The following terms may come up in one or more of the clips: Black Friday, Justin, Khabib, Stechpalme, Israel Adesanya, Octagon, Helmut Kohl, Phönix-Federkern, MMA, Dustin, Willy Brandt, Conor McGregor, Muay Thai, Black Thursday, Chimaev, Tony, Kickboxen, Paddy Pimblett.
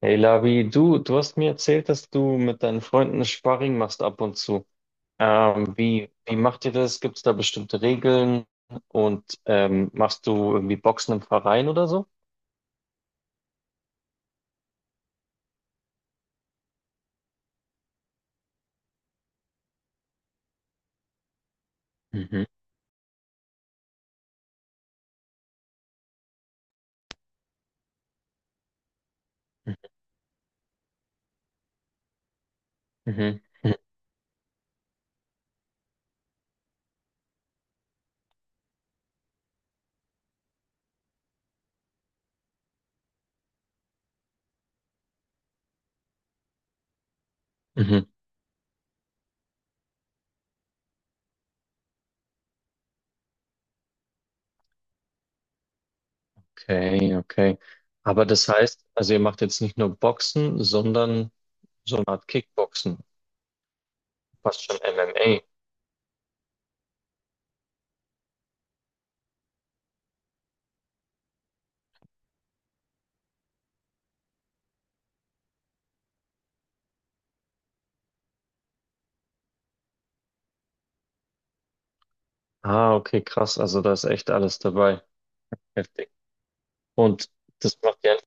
Hey Labi, du hast mir erzählt, dass du mit deinen Freunden Sparring machst ab und zu. Wie macht ihr das? Gibt es da bestimmte Regeln? Und machst du irgendwie Boxen im Verein oder so? Mhm, mhm, mhm, mhm. Okay, okay. Aber das heißt, also ihr macht jetzt nicht nur Boxen, sondern so eine Art Kickboxen, fast schon MMA. Ah, okay, krass. Also da ist echt alles dabei. Heftig. Und das macht ihr.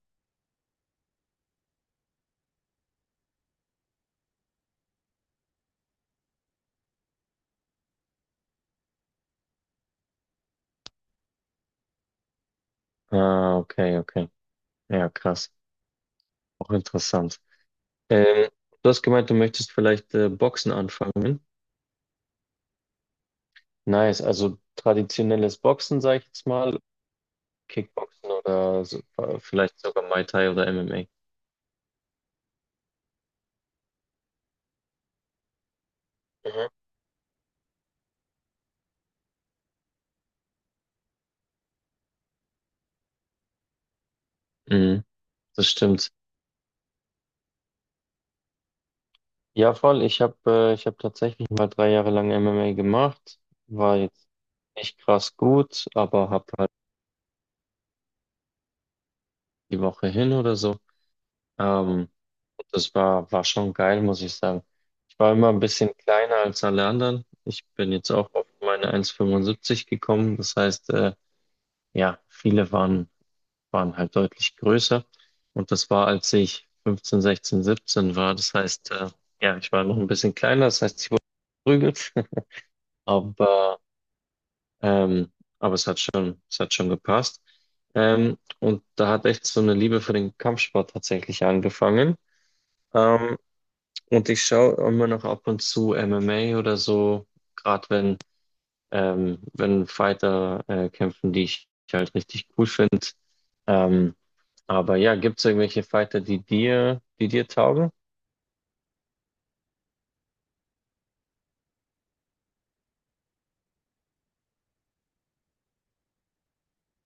Ah, okay, okay. Ja, krass. Auch interessant. Ähm, du hast gemeint, du möchtest vielleicht Boxen anfangen. Nice, also traditionelles Boxen, sage ich jetzt mal, Kickboxen oder so, vielleicht sogar Muay Thai oder MMA. Mhm. Mhm, das stimmt. Ja, voll. Ich hab tatsächlich mal 3 Jahre lang MMA gemacht. War jetzt nicht krass gut, aber hab halt die Woche hin oder so. Ähm, das war, war schon geil, muss ich sagen. Ich war immer ein bisschen kleiner als alle anderen. Ich bin jetzt auch auf meine 1,75 gekommen. Das heißt, ja, viele waren, waren halt deutlich größer. Und das war, als ich 15, 16, 17 war. Das heißt, ja, ich war noch ein bisschen kleiner. Das heißt, ich wurde geprügelt. Aber, ähm, aber es hat schon gepasst. Und da hat echt so eine Liebe für den Kampfsport tatsächlich angefangen. Ähm, Und ich schaue immer noch ab und zu MMA oder so, gerade wenn, wenn Fighter kämpfen, die ich halt richtig cool finde. Ähm, aber ja, gibt es irgendwelche Fighter, die dir taugen?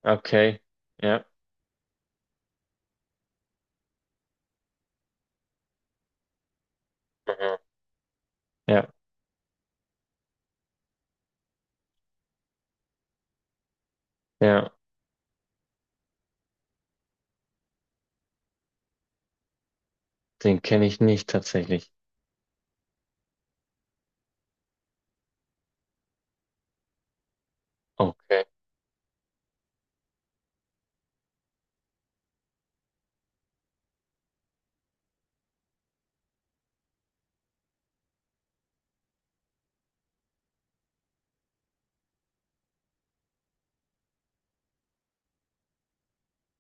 Okay, ja, mhm, ja, ja, den kenne ich nicht tatsächlich. Okay,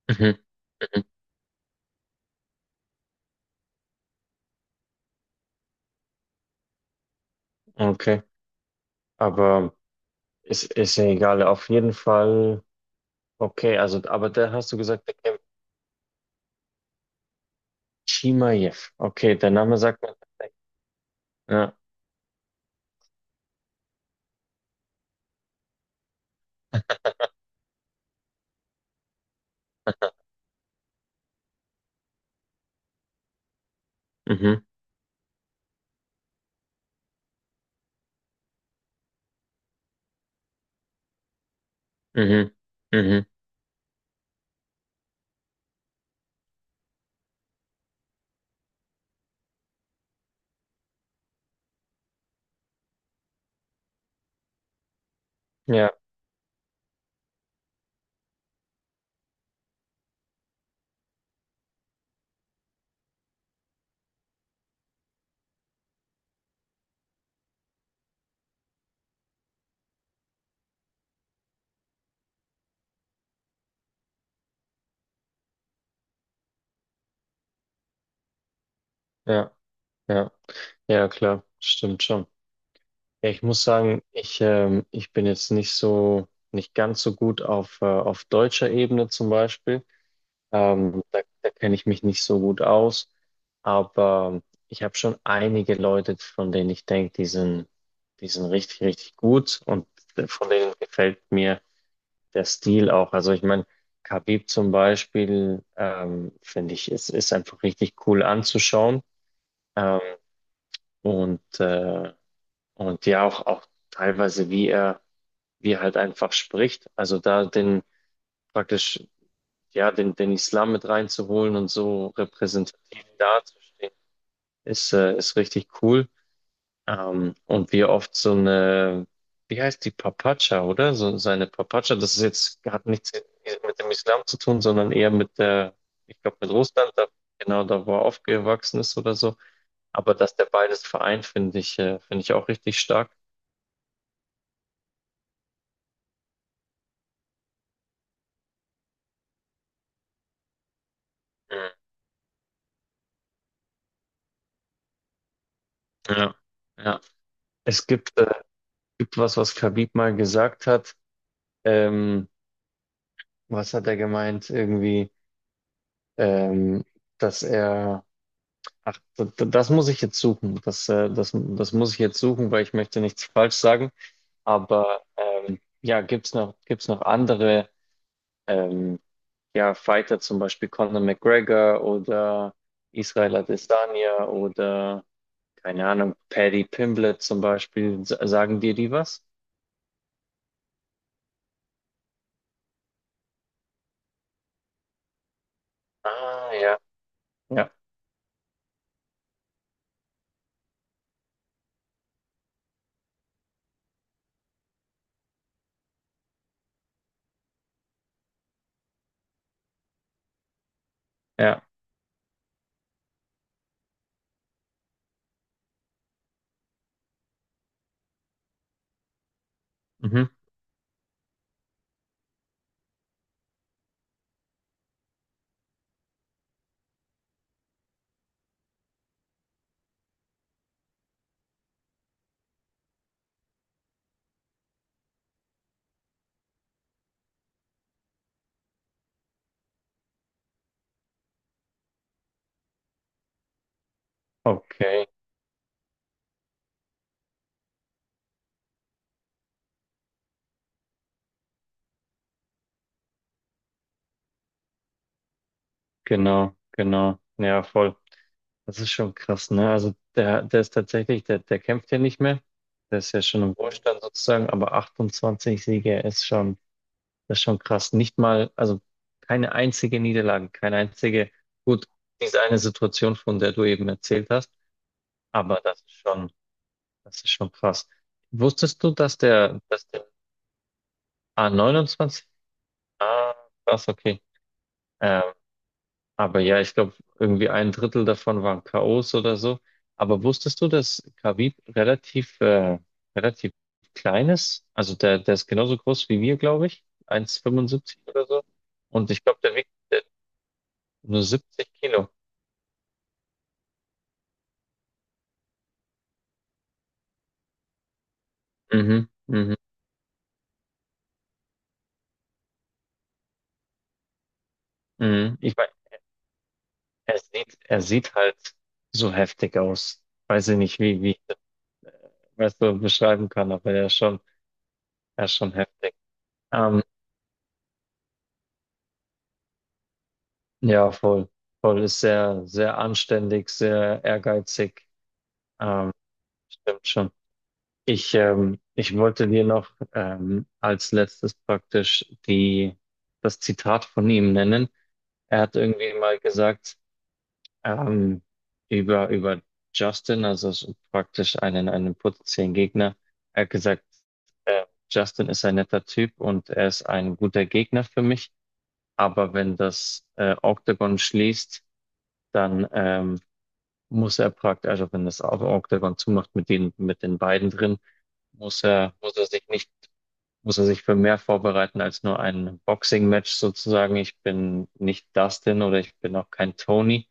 mhm, mhm, okay, aber ist ja egal, auf jeden Fall. Okay, also, aber da hast du gesagt, der kämpft. Chimaev. Okay, der Name sagt mir tatsächlich. Ja, mhm. Mhm. Mhm. Ja, ja, ja. Ja, klar, stimmt schon. Ja, ich muss sagen, ich bin jetzt nicht so, nicht ganz so gut auf deutscher Ebene zum Beispiel. Da kenne ich mich nicht so gut aus. Aber ich habe schon einige Leute, von denen ich denke, die sind richtig, richtig gut und von denen gefällt mir der Stil auch. Also ich meine, Khabib zum Beispiel, finde ich, ist einfach richtig cool anzuschauen. Ähm, und, äh, und ja, auch teilweise, wie er halt einfach spricht. Also da den praktisch, ja, den Islam mit reinzuholen und so repräsentativ dazustehen, ist richtig cool. Und wie er oft so eine, wie heißt die Papatscha, oder? So seine Papatscha, das ist jetzt, hat nichts mit dem Islam zu tun, sondern eher mit der, ich glaube, mit Russland, da, genau, da wo er aufgewachsen ist oder so. Aber dass der beides vereint, finde ich auch richtig stark. Mhm. Ja, ja. Es gibt was, was Khabib mal gesagt hat. Ähm, was hat er gemeint? Irgendwie, ähm, dass er, ach, das muss ich jetzt suchen. Das muss ich jetzt suchen, weil ich möchte nichts falsch sagen. Aber ja, gibt's noch andere ähm, ja, Fighter, zum Beispiel Conor McGregor oder Israel Adesanya oder keine Ahnung, Paddy Pimblett zum Beispiel, sagen dir die was? Ah, ja, ja, ja. Mhm. Okay, genau, genau. Ja, voll. Das ist schon krass, ne? Also der, der kämpft ja nicht mehr. Der ist ja schon im Ruhestand sozusagen, aber 28 Siege ist schon, das ist schon krass. Nicht mal, also keine einzige Niederlage, keine einzige, gut, diese eine Situation, von der du eben erzählt hast, aber das ist schon krass. Wusstest du, dass der. Ah, 29? Ah, krass, okay. Ähm, aber ja, ich glaube, irgendwie ein Drittel davon waren K.O.s oder so. Aber wusstest du, dass Khabib relativ klein ist? Also der ist genauso groß wie wir, glaube ich. 1,75 oder so. Und ich glaube, der wiegt nur 70 Kilo. Mhm, mhm, mhm. Ich meine, er sieht halt so heftig aus. Weiß ich nicht, wie ich das, weißt du, beschreiben kann, aber er ist schon heftig. Ähm, Ja, voll. Voll ist sehr, sehr anständig, sehr ehrgeizig. Ähm, stimmt schon. Ich wollte dir noch als letztes praktisch das Zitat von ihm nennen. Er hat irgendwie mal gesagt, ähm, über Justin, also so praktisch einen potenziellen Gegner. Er hat gesagt, Justin ist ein netter Typ und er ist ein guter Gegner für mich. Aber wenn das Octagon schließt, dann muss er praktisch, also wenn das Auge dann zumacht mit den beiden drin, muss er sich nicht, muss er sich für mehr vorbereiten als nur ein Boxing-Match sozusagen. Ich bin nicht Dustin oder ich bin auch kein Tony.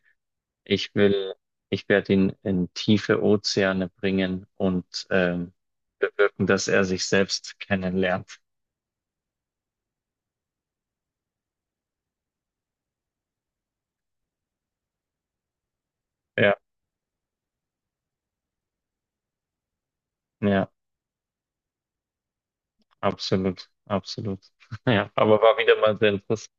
Ich will, ich werde ihn in tiefe Ozeane bringen und bewirken, dass er sich selbst kennenlernt. Ja, ja, absolut, absolut. Ja, aber war wieder mal sehr interessant.